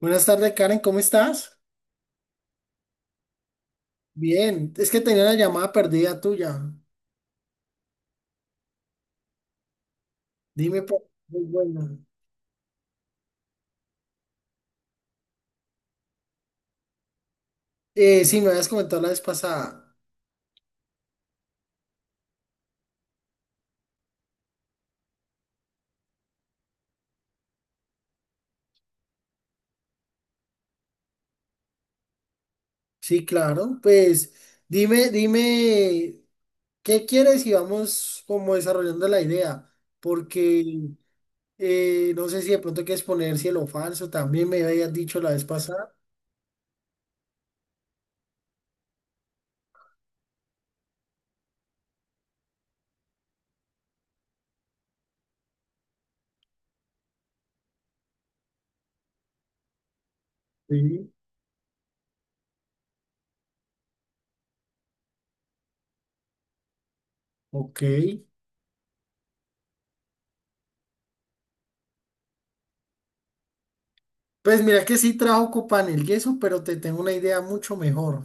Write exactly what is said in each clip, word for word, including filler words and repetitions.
Buenas tardes, Karen, ¿cómo estás? Bien, es que tenía una llamada perdida tuya. Dime, por muy buena. Eh, sí, me habías comentado la vez pasada. Sí, claro, pues dime, dime, ¿qué quieres? Y vamos como desarrollando la idea, porque eh, no sé si de pronto quieres poner cielo falso, también me habías dicho la vez pasada. Sí. Ok. Pues mira que sí trajo copa en el yeso, pero te tengo una idea mucho mejor.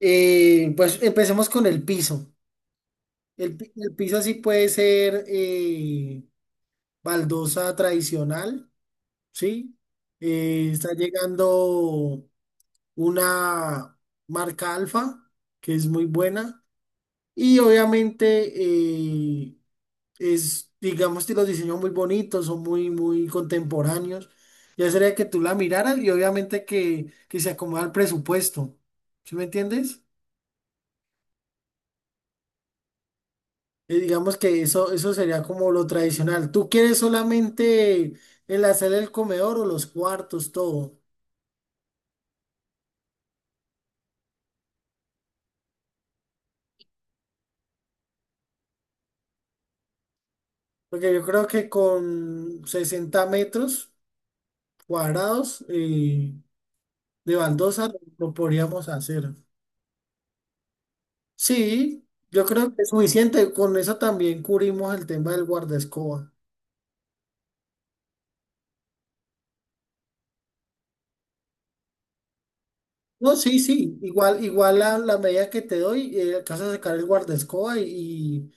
Eh, pues empecemos con el piso. El, pi- el piso así puede ser eh, baldosa tradicional, ¿sí? Eh, está llegando una marca Alfa, que es muy buena. Y obviamente eh, es, digamos que los diseños muy bonitos, son muy, muy contemporáneos. Ya sería que tú la miraras y obviamente que, que se acomoda al presupuesto. ¿Sí me entiendes? Eh, Digamos que eso, eso sería como lo tradicional. ¿Tú quieres solamente enlazar el comedor o los cuartos, todo? Porque yo creo que con sesenta metros cuadrados eh, de baldosa lo lo podríamos hacer. Sí, yo creo que es suficiente. Con eso también cubrimos el tema del guardaescoba. No, sí, sí, igual, igual la, la medida que te doy, eh, alcanzas a sacar el guardaescoba y,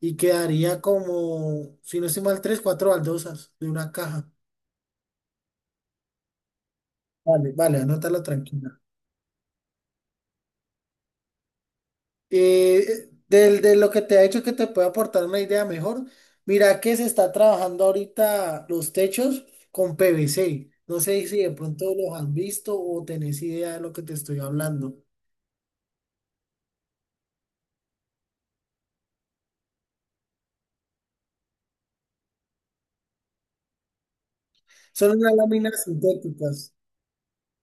y, y quedaría como, si no estoy mal, tres, cuatro baldosas de una caja. Vale, vale, anótala tranquila. Eh, del- de, lo que te ha hecho que te puede aportar una idea mejor, mira que se está trabajando ahorita los techos con P V C. No sé si de pronto los has visto o tenés idea de lo que te estoy hablando. Son unas láminas sintéticas.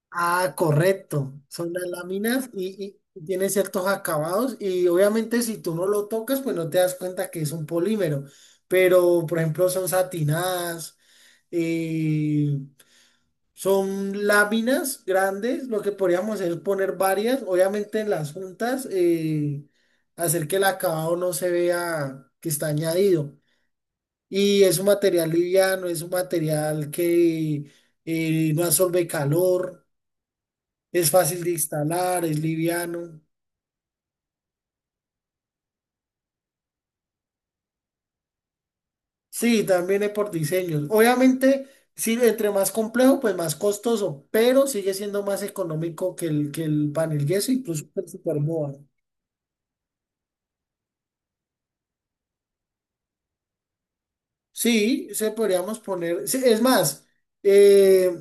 Ah, correcto. Son las láminas y, y tiene ciertos acabados y obviamente si tú no lo tocas, pues no te das cuenta que es un polímero. Pero, por ejemplo, son satinadas, eh, son láminas grandes. Lo que podríamos hacer es poner varias, obviamente en las juntas, eh, hacer que el acabado no se vea que está añadido. Y es un material liviano, es un material que eh, no absorbe calor. Es fácil de instalar, es liviano. Sí, también es por diseños. Obviamente, sí, entre más complejo, pues más costoso, pero sigue siendo más económico que el, que el panel yeso, incluso que el Superboa. Sí, se podríamos poner. Sí, es más, eh,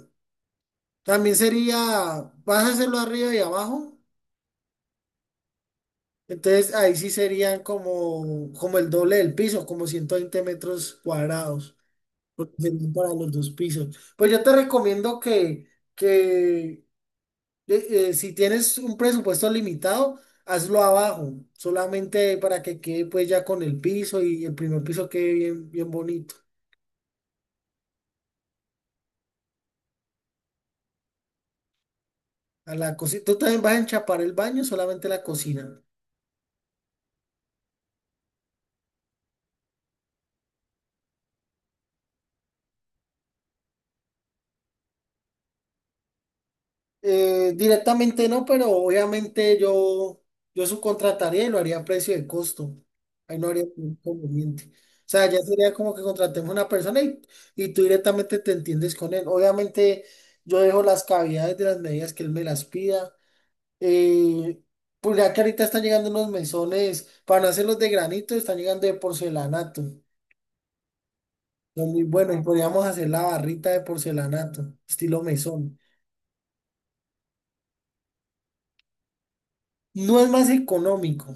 también sería, vas a hacerlo arriba y abajo. Entonces ahí sí serían como, como el doble del piso, como ciento veinte metros cuadrados, porque serían para los dos pisos. Pues yo te recomiendo que que de- eh, si tienes un presupuesto limitado, hazlo abajo, solamente para que quede pues ya con el piso y el primer piso quede bien, bien bonito. A la cocina. Tú también vas a enchapar el baño, solamente la cocina. Eh, directamente no, pero obviamente yo, yo subcontrataría y lo haría a precio de costo. Ahí no haría ningún inconveniente. O sea, ya sería como que contratemos una persona y, y tú directamente te entiendes con él. Obviamente yo dejo las cavidades de las medidas que él me las pida. Eh, pues ya que ahorita están llegando unos mesones, para hacer los de granito, están llegando de porcelanato. Son muy buenos, y podríamos hacer la barrita de porcelanato, estilo mesón. No es más económico,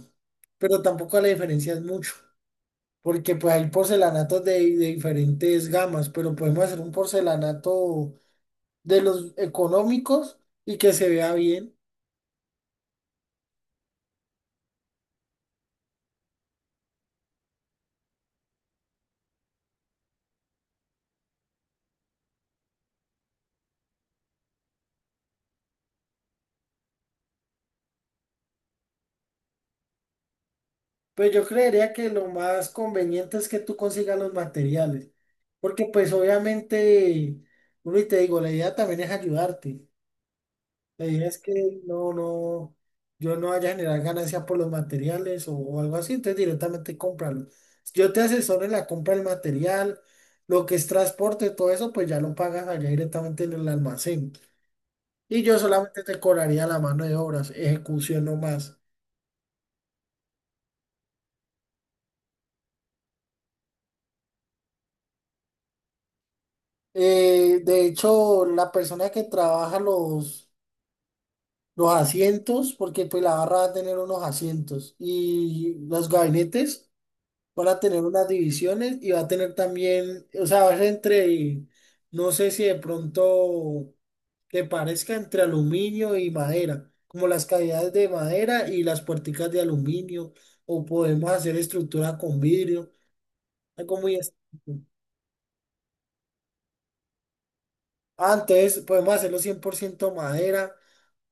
pero tampoco la diferencia es mucho, porque pues hay porcelanatos de, de diferentes gamas, pero podemos hacer un porcelanato de los económicos y que se vea bien. Pues yo creería que lo más conveniente es que tú consigas los materiales, porque pues obviamente, uno y te digo, la idea también es ayudarte. La idea es que no, no, yo no vaya a generar ganancia por los materiales o, o algo así, entonces directamente cómpralo. Yo te asesoro en la compra del material, lo que es transporte, todo eso, pues ya lo pagas allá directamente en el almacén. Y yo solamente te cobraría la mano de obras, ejecución no más. Eh, de hecho, la persona que trabaja los, los asientos, porque pues la barra va a tener unos asientos y los gabinetes van a tener unas divisiones y va a tener también, o sea, va a ser entre, no sé si de pronto que parezca entre aluminio y madera, como las cavidades de madera y las puerticas de aluminio, o podemos hacer estructura con vidrio, algo muy... estricto. Ah, entonces podemos hacerlo cien por ciento madera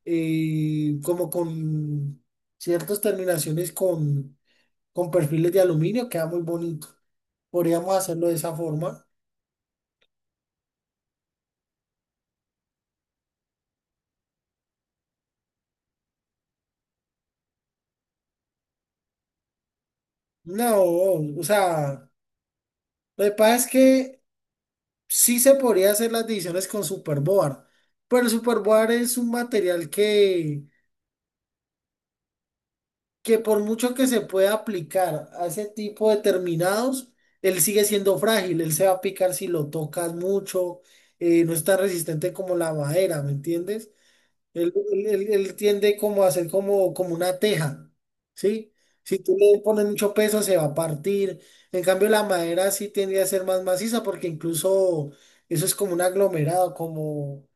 eh, como con ciertas terminaciones con, con perfiles de aluminio, queda muy bonito. Podríamos hacerlo de esa forma. No, o sea, lo que pasa es que sí se podría hacer las divisiones con Superboard, pero el Superboard es un material que, que por mucho que se pueda aplicar a ese tipo de terminados, él sigue siendo frágil, él se va a picar si lo tocas mucho, eh, no es tan resistente como la madera, ¿me entiendes? Él, él- él- él tiende como a ser como, como una teja, ¿sí? Si tú le pones mucho peso se va a partir. En cambio la madera sí tendría a ser más maciza porque incluso eso es como un aglomerado, como,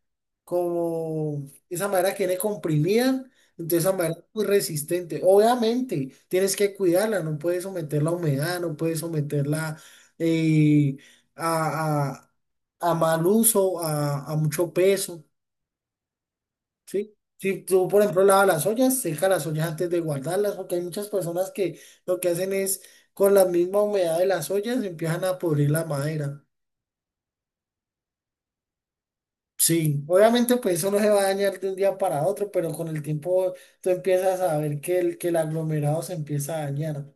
como esa madera que viene comprimida, entonces esa madera es muy resistente. Obviamente tienes que cuidarla, no puedes someterla a humedad, no puedes someterla eh, a, a, a mal uso, a a mucho peso. Sí, si tú, por ejemplo, lavas las ollas, seca las ollas antes de guardarlas, porque hay muchas personas que lo que hacen es con la misma humedad de las ollas empiezan a pudrir la madera. Sí, obviamente pues eso no se va a dañar de un día para otro, pero con el tiempo tú empiezas a ver que el, que el aglomerado se empieza a dañar.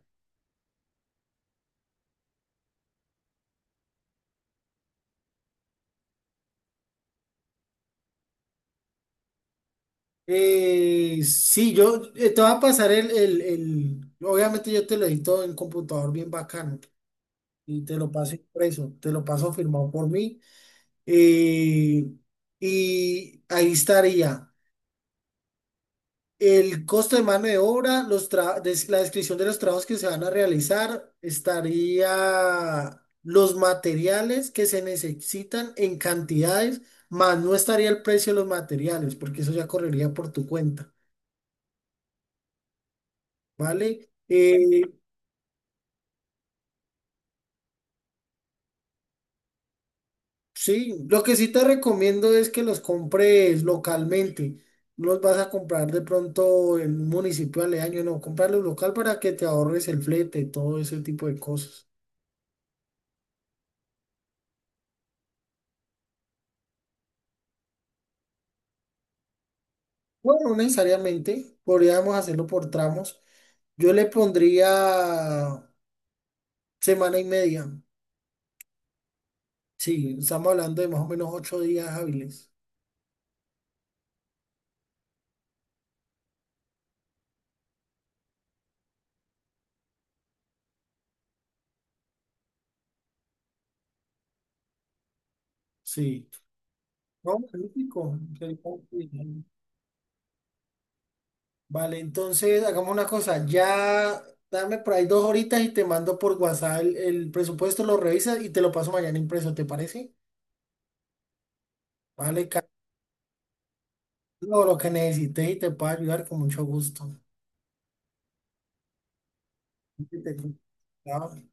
Eh, sí, yo eh, te voy a pasar el, el, el, obviamente yo te lo edito en computador bien bacano y te lo paso impreso, te lo paso firmado por mí. Eh, y ahí estaría el costo de mano de obra, los tra- des- la descripción de los trabajos que se van a realizar, estaría los materiales que se necesitan en cantidades, más no estaría el precio de los materiales, porque eso ya correría por tu cuenta, ¿vale? Eh, Sí, lo que sí te recomiendo es que los compres localmente. No los vas a comprar de pronto en un municipio aledaño, no, comprarlos local para que te ahorres el flete, todo ese tipo de cosas. Bueno, no necesariamente, podríamos hacerlo por tramos. Yo le pondría semana y media. Sí, estamos hablando de más o menos ocho días hábiles. Sí. No, magnífico. Vale, entonces hagamos una cosa. Ya dame por ahí dos horitas y te mando por WhatsApp el, el presupuesto, lo revisas y te lo paso mañana impreso, ¿te parece? Vale, Carlos, lo que necesites y te puedo ayudar con mucho gusto. Chao.